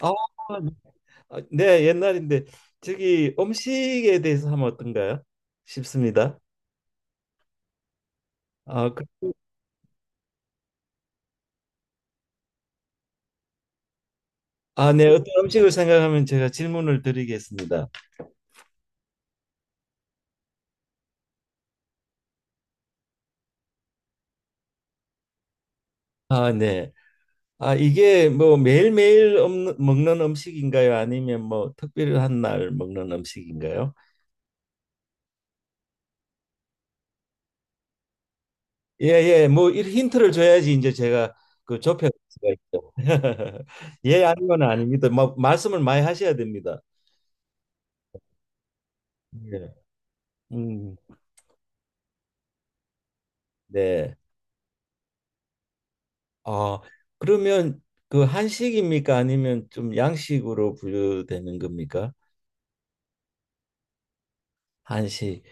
아, 옛날인데 저기 음식에 대해서 하면 어떤가요? 싶습니다. 아, 그, 네, 어떤 음식을 생각하면 제가 질문을 드리겠습니다. 아, 네. 이게 뭐 매일매일 먹는 음식인가요? 아니면 뭐 특별한 날 먹는 음식인가요? 예, 예. 뭐 이 힌트를 줘야지 이제 제가 그 좁혀 갈 수가 있죠. 예, 아니면 아닙니다. 뭐 말씀을 많이 하셔야 됩니다. 예. 음, 네. 아, 그러면 그 한식입니까? 아니면 좀 양식으로 분류되는 겁니까? 한식.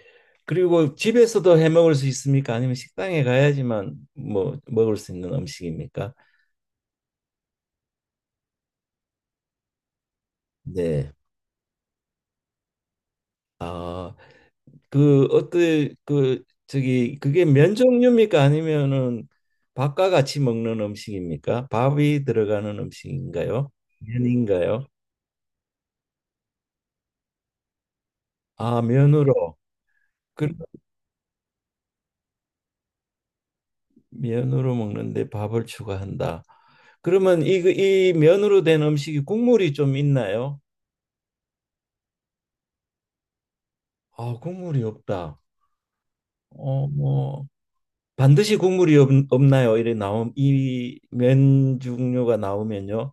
그리고 집에서도 해 먹을 수 있습니까? 아니면 식당에 가야지만 뭐 먹을 수 있는 음식입니까? 네. 아, 그 어떤 그 저기 그게 면 종류입니까? 아니면은 밥과 같이 먹는 음식입니까? 밥이 들어가는 음식인가요? 면인가요? 아, 면으로. 그 면으로 먹는데 밥을 추가한다. 그러면 그이 면으로 된 음식이 국물이 좀 있나요? 아, 국물이 없다. 뭐 반드시 없나요? 이래 나옴 이면 종류가 나오면요.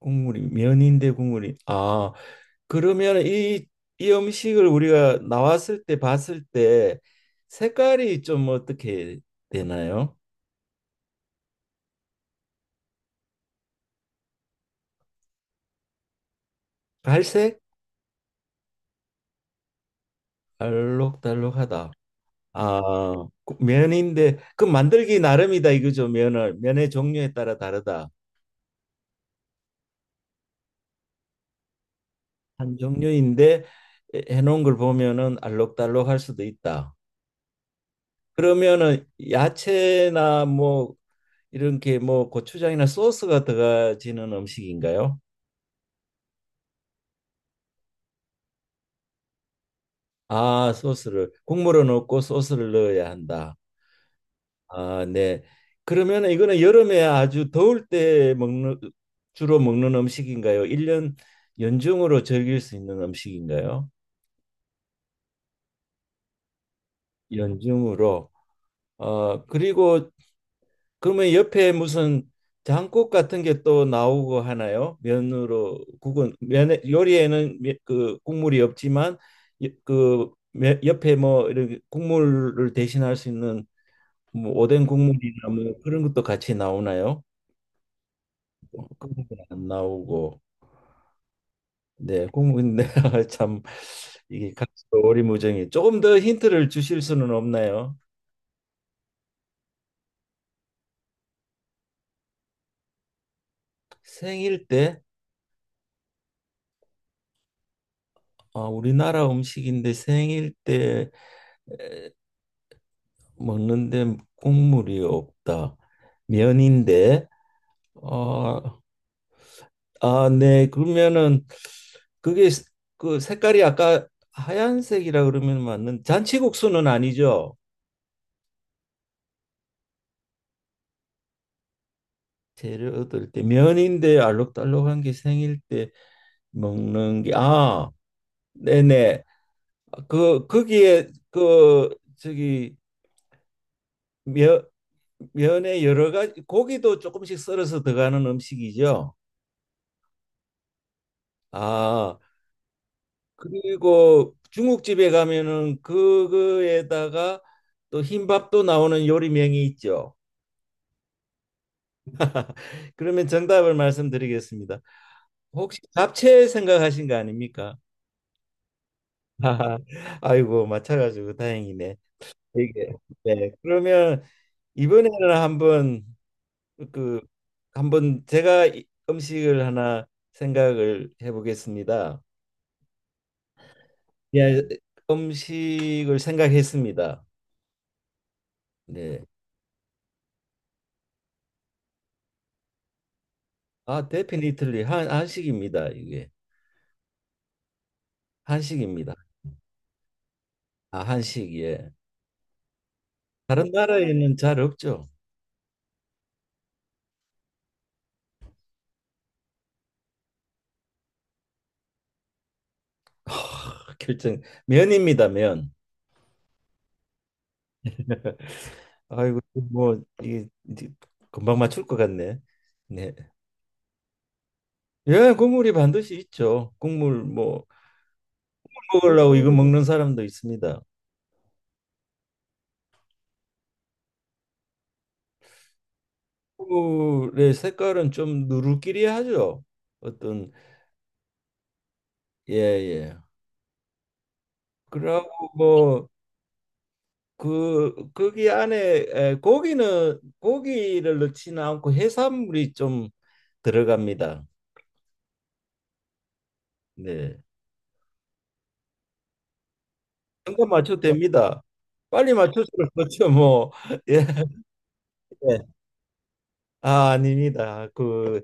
국물이 면인데 국물이 아, 그러면 이 음식을 우리가 나왔을 때 봤을 때 색깔이 좀 어떻게 되나요? 갈색? 알록달록하다. 아, 그 면인데 그 만들기 나름이다 이거죠. 면을 면의 종류에 따라 다르다. 한 종류인데 해놓은 걸 보면은 알록달록할 수도 있다. 그러면은 야채나 뭐 이렇게 뭐 고추장이나 소스가 들어가지는 음식인가요? 아, 소스를 국물을 넣고 소스를 넣어야 한다. 아, 네. 그러면 이거는 여름에 아주 더울 때 먹는 주로 먹는 음식인가요? 일년 연중으로 즐길 수 있는 음식인가요? 연중으로. 그리고 그러면 옆에 무슨 장국 같은 게 또 나오고 하나요? 면으로 국은 면에 요리에는 그 국물이 없지만 옆에 뭐 이런 국물을 대신할 수 있는 뭐 오뎅 국물이나 뭐 그런 것도 같이 나오나요? 그런 건안 나오고. 네, 국문인데 참 이게 가수도 오리무중이 조금 더 힌트를 주실 수는 없나요? 생일 때 아, 우리나라 음식인데 생일 때 에, 먹는데 국물이 없다. 면인데 어, 아, 네. 그러면은 그게 스- 그 색깔이 아까 하얀색이라 그러면 맞는 잔치국수는 아니죠? 재료 얻을 때 면인데 알록달록한 게 생일 때 먹는 게 아, 네네. 그 거기에 그 저기 면 면에 여러 가지 고기도 조금씩 썰어서 들어가는 음식이죠. 아, 그리고 중국집에 가면은 그거에다가 또 흰밥도 나오는 요리명이 있죠. 그러면 정답을 말씀드리겠습니다. 혹시 잡채 생각하신 거 아닙니까? 아이고, 맞춰가지고 다행이네. 이게 네. 그러면 이번에는 한번 그 제가 음식을 하나 생각을 해보겠습니다. 예, 음식을 생각했습니다. 네. 아, 데피니틀리 한 한식입니다. 이게 한식입니다. 아, 한식 예. 다른 나라에는 잘 없죠. 하, 결정 면입니다, 면. 아이고 뭐 이게 이제 금방 맞출 것 같네. 네. 예, 국물이 반드시 있죠. 국물 뭐 먹으려고 이거 먹는 사람도 있습니다. 얼굴의 색깔은 좀 누르끼리하죠. 어떤 예예. 그러고 뭐 그 거기 안에 고기는 고기를 넣지는 않고 해산물이 좀 들어갑니다. 네. 정답 맞춰도 됩니다. 빨리 맞춰시면 그렇죠 뭐. 예. 예. 아 아닙니다. 그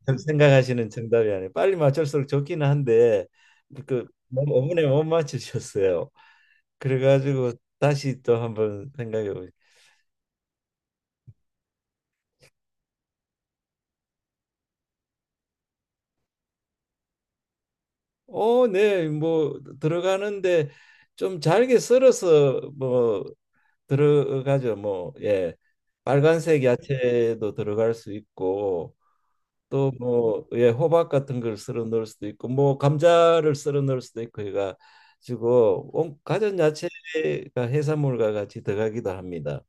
지금 생각하시는 정답이 아니에요. 빨리 맞출수록 좋기는 한데 그 너무 어머니 못 맞추셨어요. 그래가지고 다시 또 한번 생각해 보죠. 어, 네, 뭐 들어가는데 좀 잘게 썰어서 뭐 들어가죠. 뭐 예, 빨간색 야채도 들어갈 수 있고 또 뭐 예, 호박 같은 걸 썰어 넣을 수도 있고 뭐 감자를 썰어 넣을 수도 있고 해가지고 가전 야채가 해산물과 같이 들어가기도 합니다.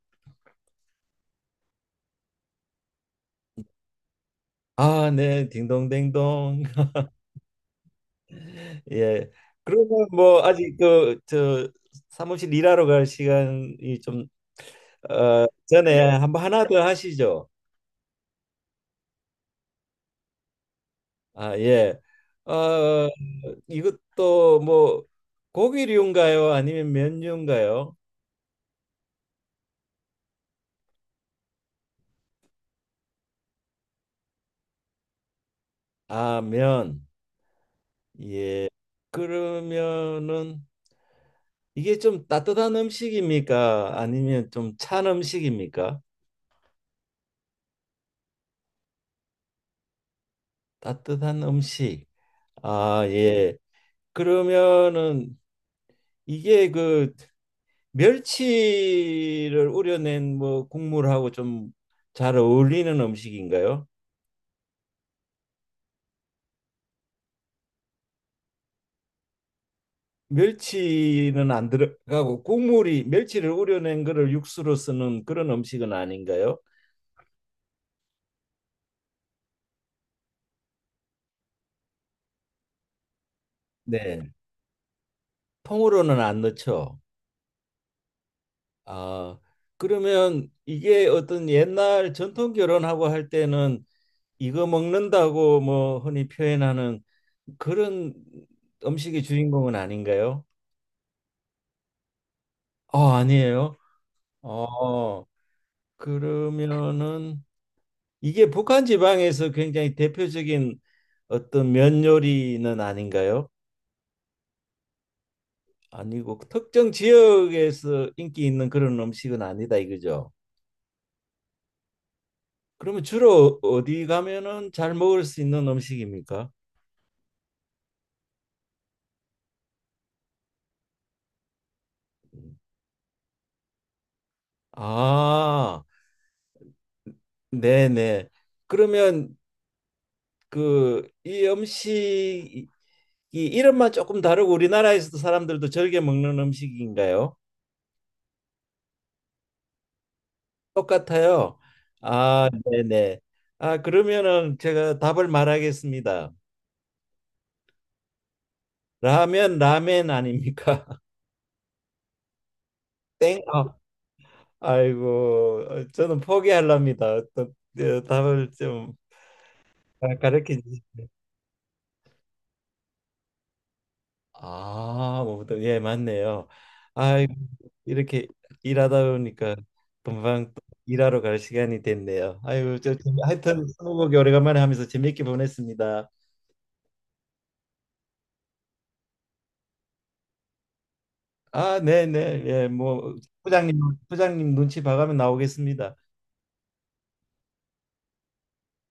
아, 네, 딩동댕동. 예. 그러면 뭐 아직 그 저 사무실 일하러 갈 시간이 좀 어, 전에 한번 하나 더 하시죠. 아, 예. 어, 이것도 뭐 고기류인가요? 아니면 면류인가요? 아, 면. 예. 그러면은 이게 좀 따뜻한 음식입니까? 아니면 좀 찬 음식입니까? 따뜻한 음식. 아, 예. 그러면은 이게 그 멸치를 우려낸 뭐 국물하고 좀 잘 어울리는 음식인가요? 멸치는 안 들어가고 국물이 멸치를 우려낸 거를 육수로 쓰는 그런 음식은 아닌가요? 네. 통으로는 안 넣죠. 아, 그러면 이게 어떤 옛날 전통 결혼하고 할 때는 이거 먹는다고 뭐 흔히 표현하는 그런 음식의 주인공은 아닌가요? 아, 아니에요. 어, 그러면은 이게 북한 지방에서 굉장히 대표적인 어떤 면 요리는 아닌가요? 아니고 특정 지역에서 인기 있는 그런 음식은 아니다 이거죠. 그러면 주로 어디 가면은 잘 먹을 수 있는 음식입니까? 아, 네네. 그러면 그 이 음식이 이름만 조금 다르고 우리나라에서도 사람들도 즐겨 먹는 음식인가요? 똑같아요. 아, 네네. 아, 그러면은 제가 답을 말하겠습니다. 라면, 라멘 아닙니까? 땡. 아, 아이고, 저는 포기하렵니다. 답을 좀 가르쳐 주시요 아, 뭐부터 예, 맞네요. 아, 이렇게 일하다 보니까 금방 또 일하러 갈 시간이 됐네요. 아이고, 저 하여튼 스무고개 오래간만에 하면서 재밌게 보냈습니다. 아, 네, 네. 예, 뭐 부장님 부장님 눈치 봐가면 나오겠습니다.